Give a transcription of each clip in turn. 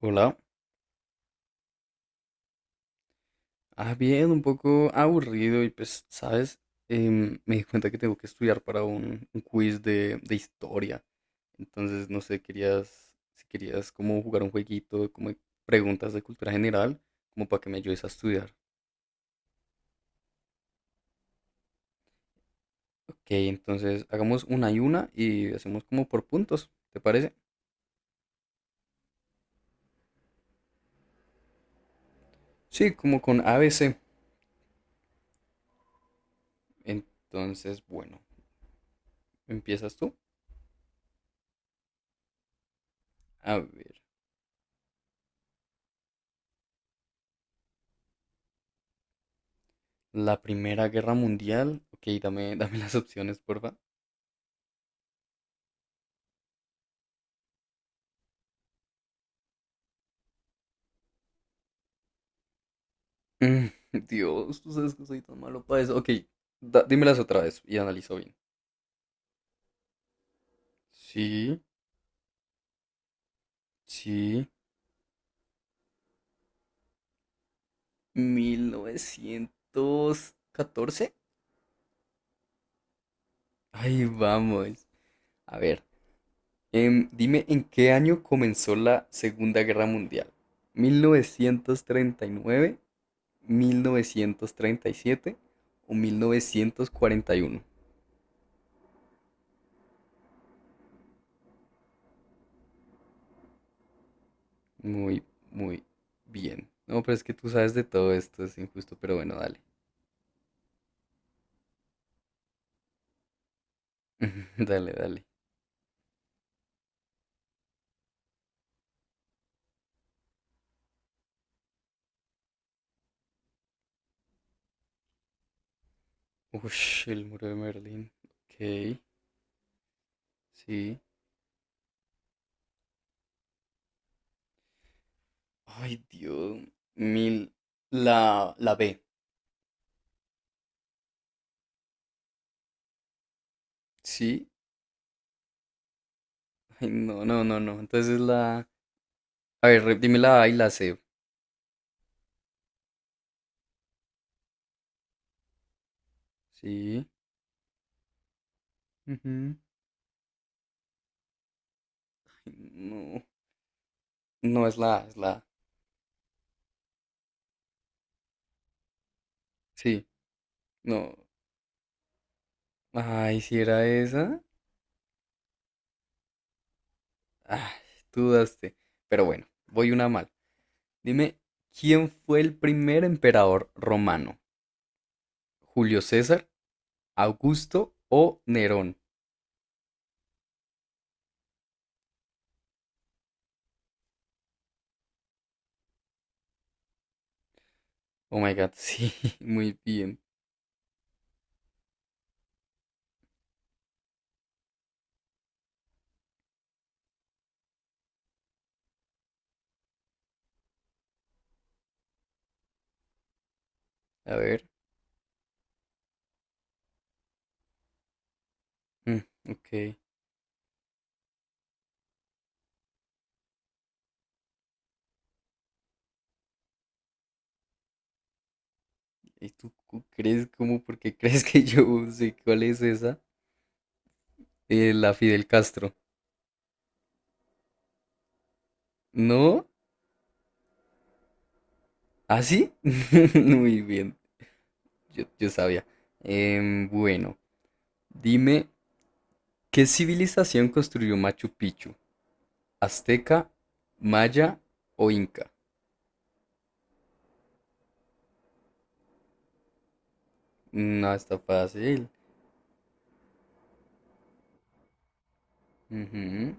Hola. Ah, bien, un poco aburrido y pues, ¿sabes? Me di cuenta que tengo que estudiar para un quiz de historia. Entonces, no sé, si querías como jugar un jueguito, como de preguntas de cultura general, como para que me ayudes a estudiar. Ok, entonces hagamos una y hacemos como por puntos, ¿te parece? Sí, como con A B C. Entonces, bueno, ¿empiezas tú? A ver, la Primera Guerra Mundial. Ok, dame, dame las opciones, porfa. Mm, Dios, tú sabes que soy tan malo para eso. Ok, dímelas otra vez y analizo bien. Sí, sí. 1914. Ahí vamos. A ver, dime en qué año comenzó la Segunda Guerra Mundial. Mil novecientos treinta y nueve, 1937 o 1941. Muy, muy bien. No, pero es que tú sabes de todo esto, es injusto, pero bueno, dale. Dale, dale. Ush, el muro de Merlín. Ok, sí. Ay, Dios. Mil. La B. Sí. Ay, no, no, no, no. Entonces la. A ver, dime la A y la C. Sí. Ujú. Ay, no. No es la A, es la A. Sí. No. Ay, si era esa. Ay, dudaste. Pero bueno, voy una mal. Dime, ¿quién fue el primer emperador romano? ¿Julio César, Augusto o Nerón? Oh my God, sí, muy bien. A ver, mm, ok. ¿Y tú crees cómo? ¿Por qué crees que yo sé cuál es esa? La Fidel Castro. ¿No? ¿Ah, sí? Muy bien, yo sabía. Bueno, dime, ¿qué civilización construyó Machu Picchu? ¿Azteca, Maya o Inca? No, está fácil. Ujú.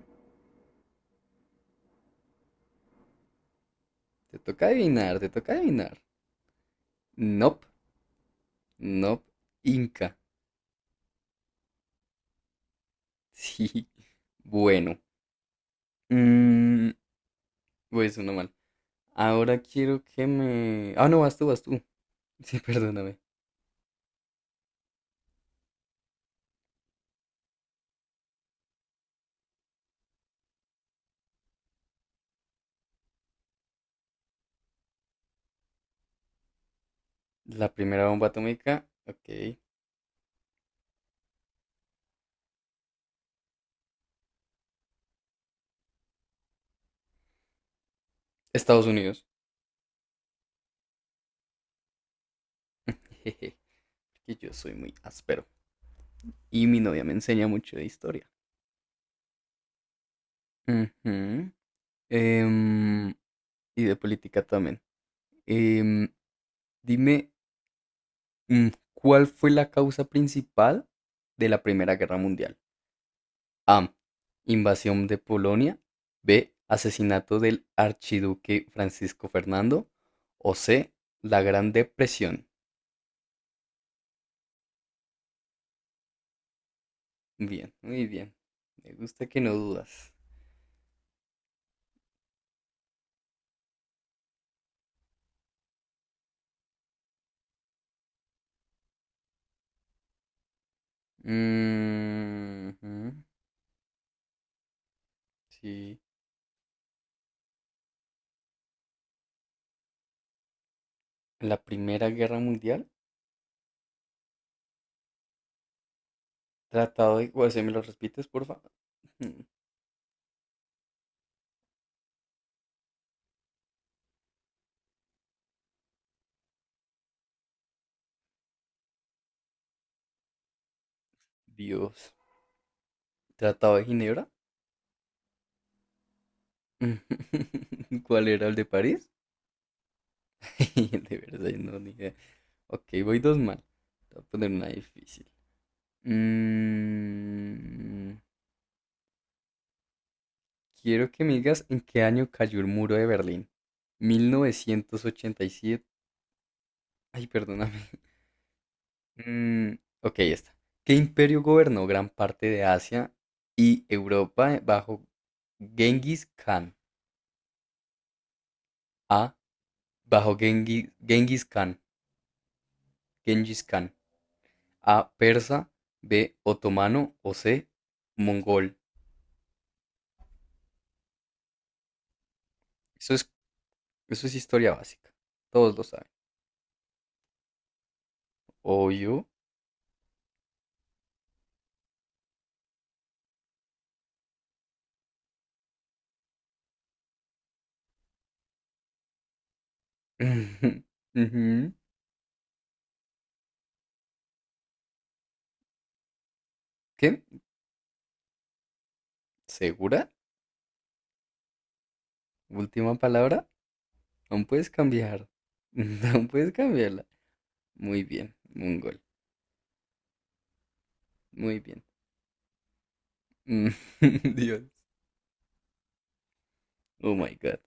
Te toca adivinar, te toca adivinar. Nope, nope, Inca. Sí. Bueno, Mm, pues uno mal. Ahora quiero que me... Ah, no, vas tú, vas tú. Sí, perdóname. La primera bomba atómica, ok. Estados Unidos. Jeje, que yo soy muy áspero. Y mi novia me enseña mucho de historia. Ujú. Em, y de política también. Em, dime, mm, ¿cuál fue la causa principal de la Primera Guerra Mundial? A. Invasión de Polonia. B. Asesinato del archiduque Francisco Fernando. O C. La Gran Depresión. Bien, muy bien. Me gusta que no dudas. Mm, ujú, sí. La Primera Guerra Mundial. O sea, ¿me lo repites, porfa? Mm, Dios. ¿Tratado de Ginebra? ¿Cuál era el de París? De verdad, no, ni idea. Ok, voy dos mal. Te voy a poner una difícil. Mm, quiero que me digas en qué año cayó el muro de Berlín. 1987. Ay, perdóname. Mm, ok, ya está. ¿Qué imperio gobernó gran parte de Asia y Europa bajo Genghis Khan? A. Bajo Genghis, Genghis Khan. Genghis Khan. A. Persa. B. Otomano. O C. Mongol. Eso es, eso es historia básica. Todos lo saben. Obvio. Ujú. ¿Qué? ¿Segura? Última palabra. Aún puedes cambiar. Aún puedes cambiarla. Muy bien, un gol. Muy bien. Mm, Dios. Oh my God.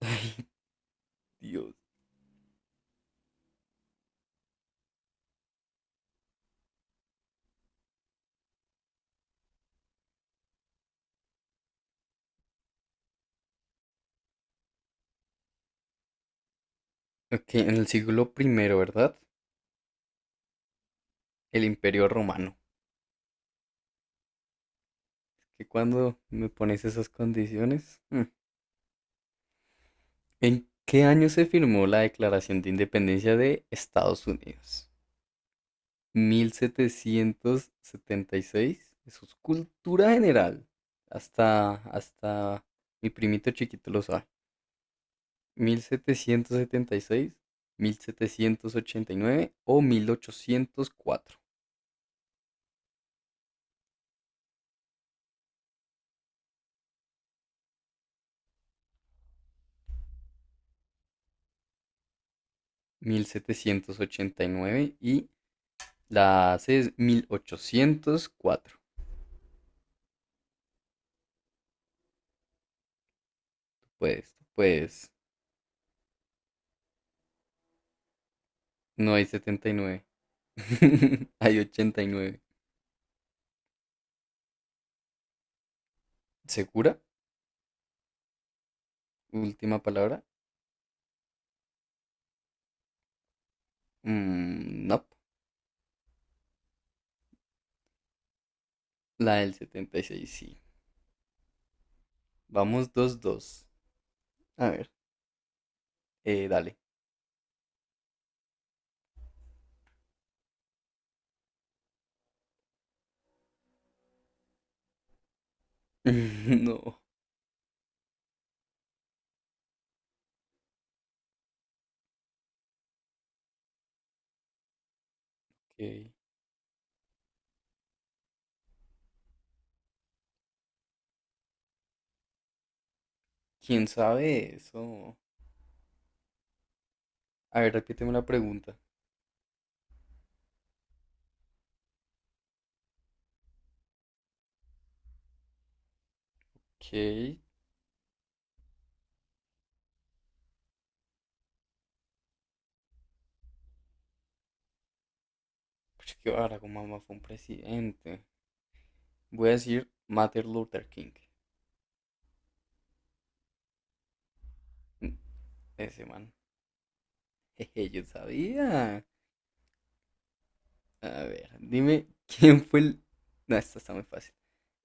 Ay, Dios. Ok, en el siglo primero, ¿verdad? El Imperio Romano. ¿Que cuando me pones esas condiciones? Mm. ¿En qué año se firmó la Declaración de Independencia de Estados Unidos? 1776. Eso es cultura general. Hasta mi primito chiquito lo sabe. Mil setecientos setenta y seis, 1789 o mil ochocientos cuatro. 1789 y la C es 1804. Pues, pues, no hay 79. Hay 89. ¿Segura? Última palabra. Mm, no. La del 76 sí. Vamos 2-2. A ver. Dale. No. Ok. ¿Quién sabe eso? A ver, repíteme la pregunta. Ok. Pues que ahora como mamá fue un presidente. Voy a decir Martin Luther King. Mm, ese man. Jeje, yo sabía. A ver, dime quién fue el. No, esta está muy fácil.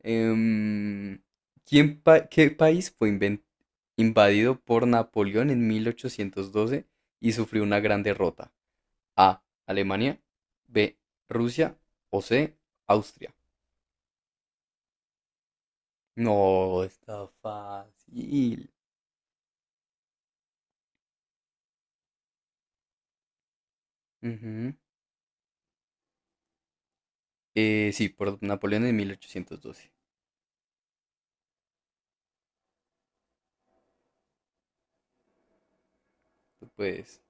Em, ¿Qué país fue invadido por Napoleón en 1812 y sufrió una gran derrota? A. Alemania. B. Rusia. O C. Austria. No, está fácil. Ujú. Sí, por Napoleón en 1812. Tú puedes.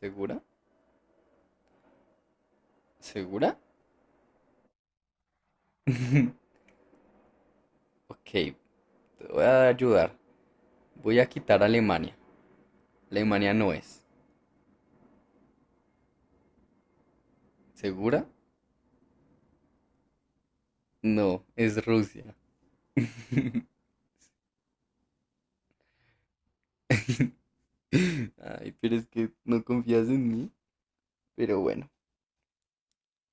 ¿Segura? ¿Segura? Ok, te voy a ayudar. Voy a quitar Alemania. Alemania no es. ¿Segura? No, es Rusia. Ay, pero es que no confías en mí. Pero bueno.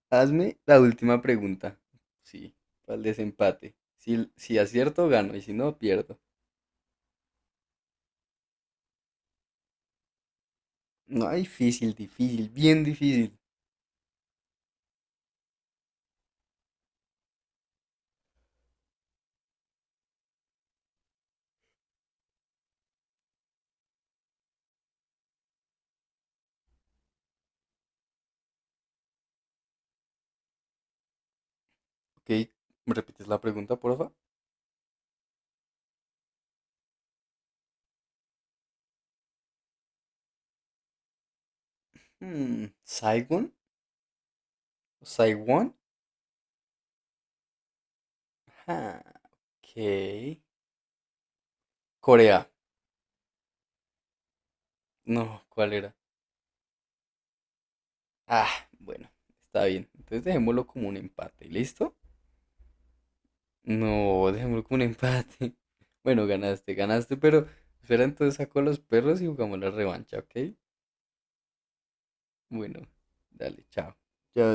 Hazme la última pregunta. Sí, para el desempate. Si acierto, gano y si no, pierdo. No, difícil, difícil, bien difícil. Ok, ¿me repites la pregunta, porfa? ¿Saigon? ¿Saiwon? Ajá, ok. Corea. No, ¿cuál era? Ah, bueno, está bien. Entonces dejémoslo como un empate, ¿listo? No, dejémoslo como un empate. Bueno, ganaste, ganaste, pero espera entonces saco a los perros y jugamos la revancha, ¿ok? Bueno, dale, chao. Chao.